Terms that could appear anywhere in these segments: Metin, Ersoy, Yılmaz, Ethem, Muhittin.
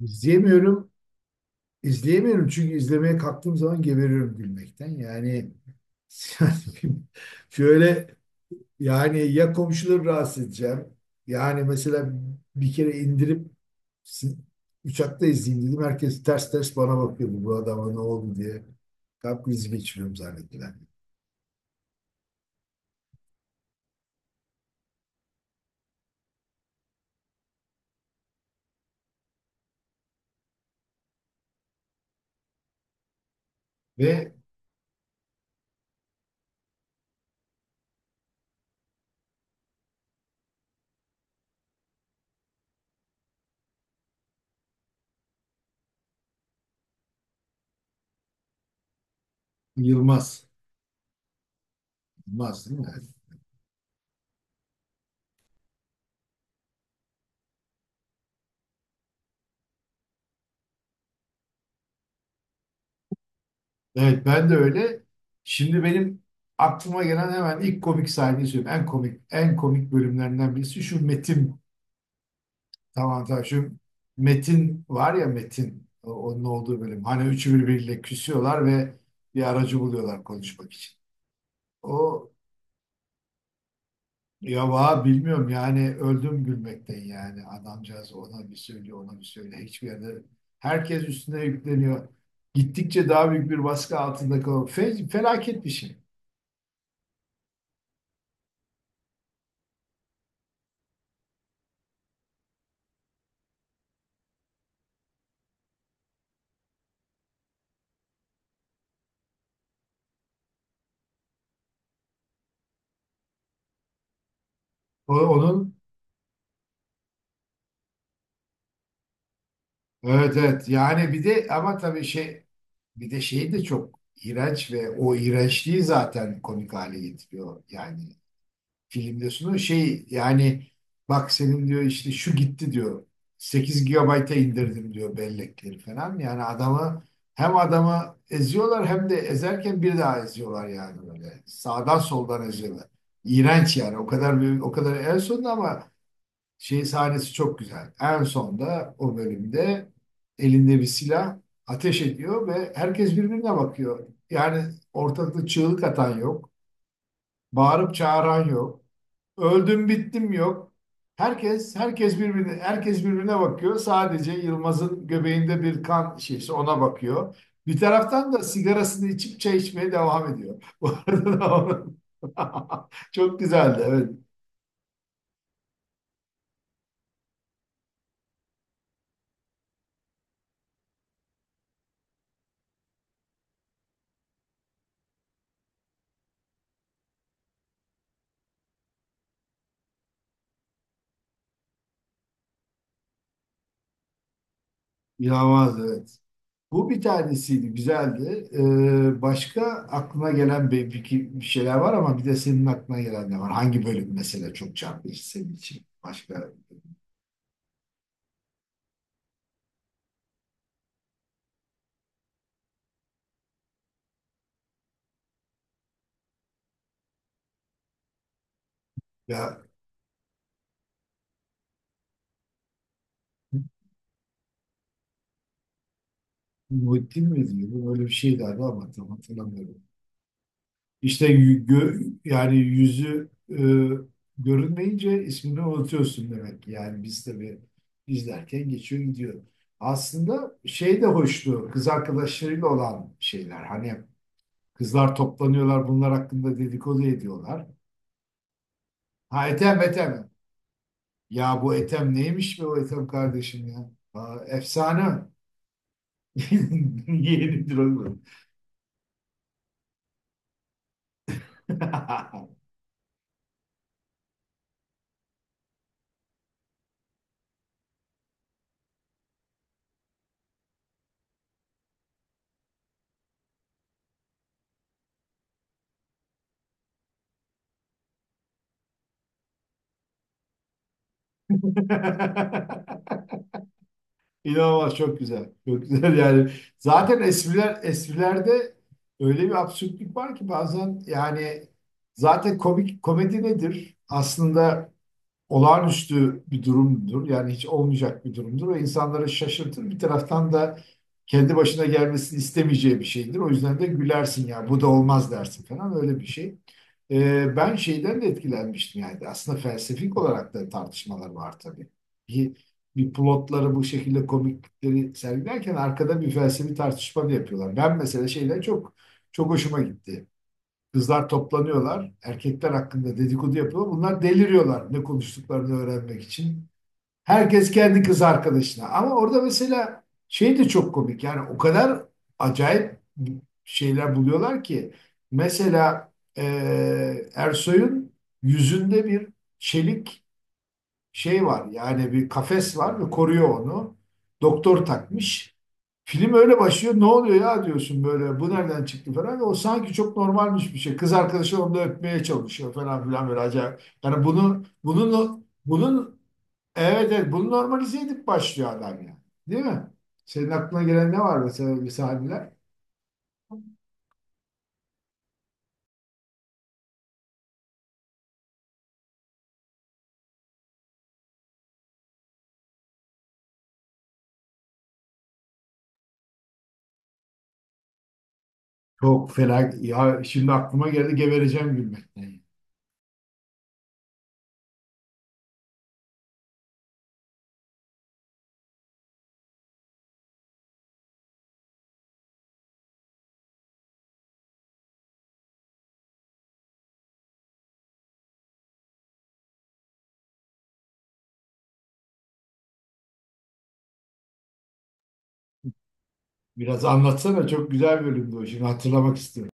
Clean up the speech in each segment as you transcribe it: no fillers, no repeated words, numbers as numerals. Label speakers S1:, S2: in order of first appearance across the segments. S1: İzleyemiyorum. İzleyemiyorum çünkü izlemeye kalktığım zaman geberiyorum gülmekten. Yani yani şöyle, yani ya komşuları rahatsız edeceğim. Yani mesela bir kere indirip si- uçakta izleyeyim dedim. Herkes ters ters bana bakıyordu. Bu adama ne oldu diye. Kalp krizi geçiriyorum zannettiler. Ve Yılmaz. Yılmaz değil mi? Evet, ben de öyle. Şimdi benim aklıma gelen hemen ilk komik sahneyi söyleyeyim. En komik bölümlerinden birisi şu Metin. Tamam, tamam, şu Metin var ya, Metin, onun olduğu bölüm. Hani üçü birbiriyle küsüyorlar ve bir aracı buluyorlar konuşmak için. O, ya va bilmiyorum yani, öldüm gülmekten yani. Adamcağız ona bir söylüyor, ona bir söylüyor, hiçbir yerde herkes üstüne yükleniyor. Gittikçe daha büyük bir baskı altında kalıyor. Felaket bir şey. Onun Evet, evet, yani bir de ama tabii şey, bir de şey de çok iğrenç ve o iğrençliği zaten komik hale getiriyor yani, filmde sunuyor şey yani, bak senin diyor işte şu gitti diyor, 8 gigabayta indirdim diyor bellekleri falan yani. Adamı, hem adamı eziyorlar hem de ezerken bir daha eziyorlar, yani böyle sağdan soldan eziyorlar. İğrenç yani, o kadar büyük, o kadar, en sonunda ama şey sahnesi çok güzel. En sonda o bölümde elinde bir silah ateş ediyor ve herkes birbirine bakıyor. Yani ortalıkta çığlık atan yok, bağırıp çağıran yok, öldüm bittim yok. Herkes birbirine bakıyor. Sadece Yılmaz'ın göbeğinde bir kan şişesi ona bakıyor. Bir taraftan da sigarasını içip çay içmeye devam ediyor. Bu arada da onun- çok güzeldi, evet. İnanılmaz, evet. Bu bir tanesiydi, güzeldi. Başka aklına gelen bir şeyler var, ama bir de senin aklına gelen ne var? Hangi bölüm mesela çok çarpıcı senin için? Başka ya, Muhittin mi diyordu? Öyle bir şey derdi ama tam hatırlamıyorum. İşte yani yüzü görünmeyince ismini unutuyorsun demek ki. Yani biz tabii izlerken geçiyor gidiyor. Aslında şey de hoştu, kız arkadaşlarıyla olan şeyler. Hani kızlar toplanıyorlar, bunlar hakkında dedikodu ediyorlar. Ha, Ethem, Ethem. Ya bu Ethem neymiş be, o Ethem kardeşim ya? Aa, efsane. Yenidir oğlum. İnanılmaz, çok güzel. Çok güzel yani. Zaten esprilerde öyle bir absürtlük var ki bazen yani, zaten komik, komedi nedir? Aslında olağanüstü bir durumdur. Yani hiç olmayacak bir durumdur ve insanları şaşırtır. Bir taraftan da kendi başına gelmesini istemeyeceği bir şeydir. O yüzden de gülersin ya, bu da olmaz dersin falan, öyle bir şey. Ben şeyden de etkilenmiştim, yani aslında felsefik olarak da tartışmalar var tabii. Bir, bir plotları bu şekilde komiklikleri sergilerken arkada bir felsefi tartışma da yapıyorlar. Ben mesela şeyler çok, çok hoşuma gitti. Kızlar toplanıyorlar. Erkekler hakkında dedikodu yapıyor. Bunlar deliriyorlar ne konuştuklarını öğrenmek için. Herkes kendi kız arkadaşına. Ama orada mesela şey de çok komik. Yani o kadar acayip şeyler buluyorlar ki. Mesela Ersoy'un yüzünde bir çelik şey var. Yani bir kafes var ve koruyor onu. Doktor takmış. Film öyle başlıyor. Ne oluyor ya diyorsun böyle. Bu nereden çıktı falan. O sanki çok normalmiş bir şey. Kız arkadaşı onu da öpmeye çalışıyor falan filan, böyle acayip. Yani bunu bunun bunun evet, evet, bunu normalize edip başlıyor adam yani. Değil mi? Senin aklına gelen ne var mesela, bir sahneler? Çok fena. Ya şimdi aklıma geldi, gebereceğim gülmekten. Biraz anlatsana, çok güzel bölümdü o. Şimdi hatırlamak istiyorum.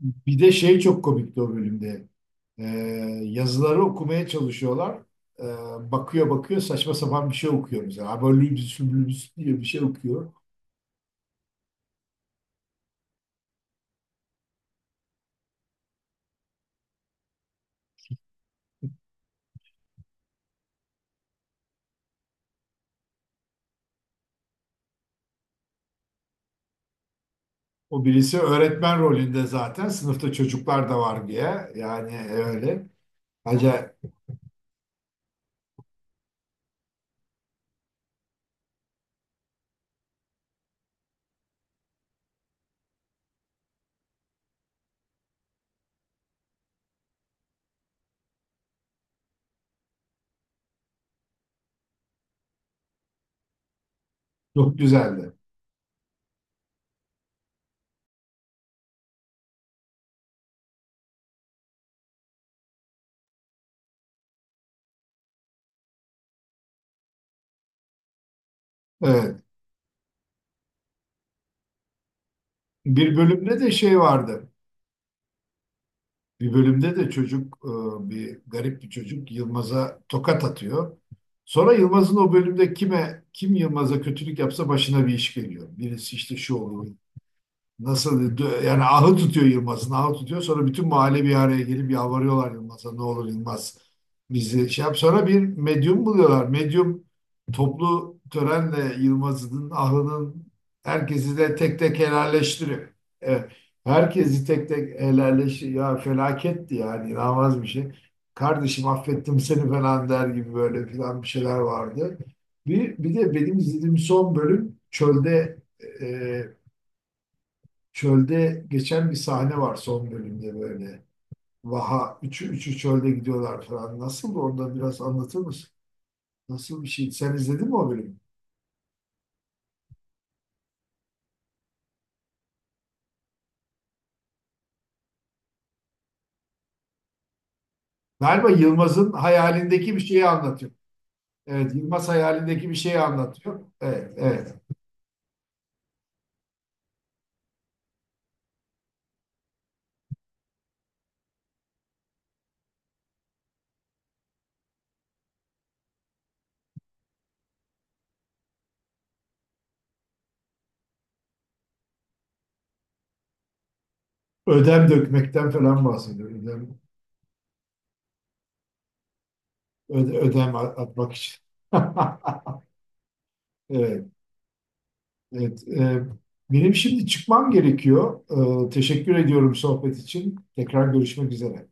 S1: Bir de şey çok komikti o bölümde. Ee, Yazıları okumaya çalışıyorlar. Bakıyor, bakıyor, saçma sapan bir şey okuyor mesela. Abolübüs lübüs diye bir şey okuyor. O birisi öğretmen rolünde zaten, sınıfta çocuklar da var diye. Yani öyle. Acayip. Çok güzeldi. Evet. Bir bölümde de şey vardı. Bir bölümde de çocuk, bir garip bir çocuk Yılmaz'a tokat atıyor. Sonra Yılmaz'ın o bölümde kime, kim Yılmaz'a kötülük yapsa başına bir iş geliyor. Birisi işte şu olur, nasıl yani, ahı tutuyor, Yılmaz'ın ahı tutuyor. Sonra bütün mahalle bir araya gelip yalvarıyorlar Yılmaz'a, ne olur Yılmaz bizi şey yap. Sonra bir medyum buluyorlar, medyum toplu törenle Yılmaz'ın ahının, herkesi de tek tek helalleştiriyor, evet. Herkesi tek tek helalleştiriyor ya, felaketti yani, inanılmaz bir şey. Kardeşim affettim seni falan der gibi böyle filan bir şeyler vardı. Bir de benim izlediğim son bölüm çölde. Çölde geçen bir sahne var son bölümde, böyle. Vaha, üçü çölde gidiyorlar falan. Nasıl orada, biraz anlatır mısın? Nasıl bir şey? Sen izledin mi o bölümü? Galiba Yılmaz'ın hayalindeki bir şeyi anlatıyor. Evet, Yılmaz hayalindeki bir şeyi anlatıyor. Evet, evet. Ödem dökmekten falan bahsediyor. Ödem, ödem atmak için. Evet, evet. Benim şimdi çıkmam gerekiyor. Teşekkür ediyorum sohbet için. Tekrar görüşmek üzere.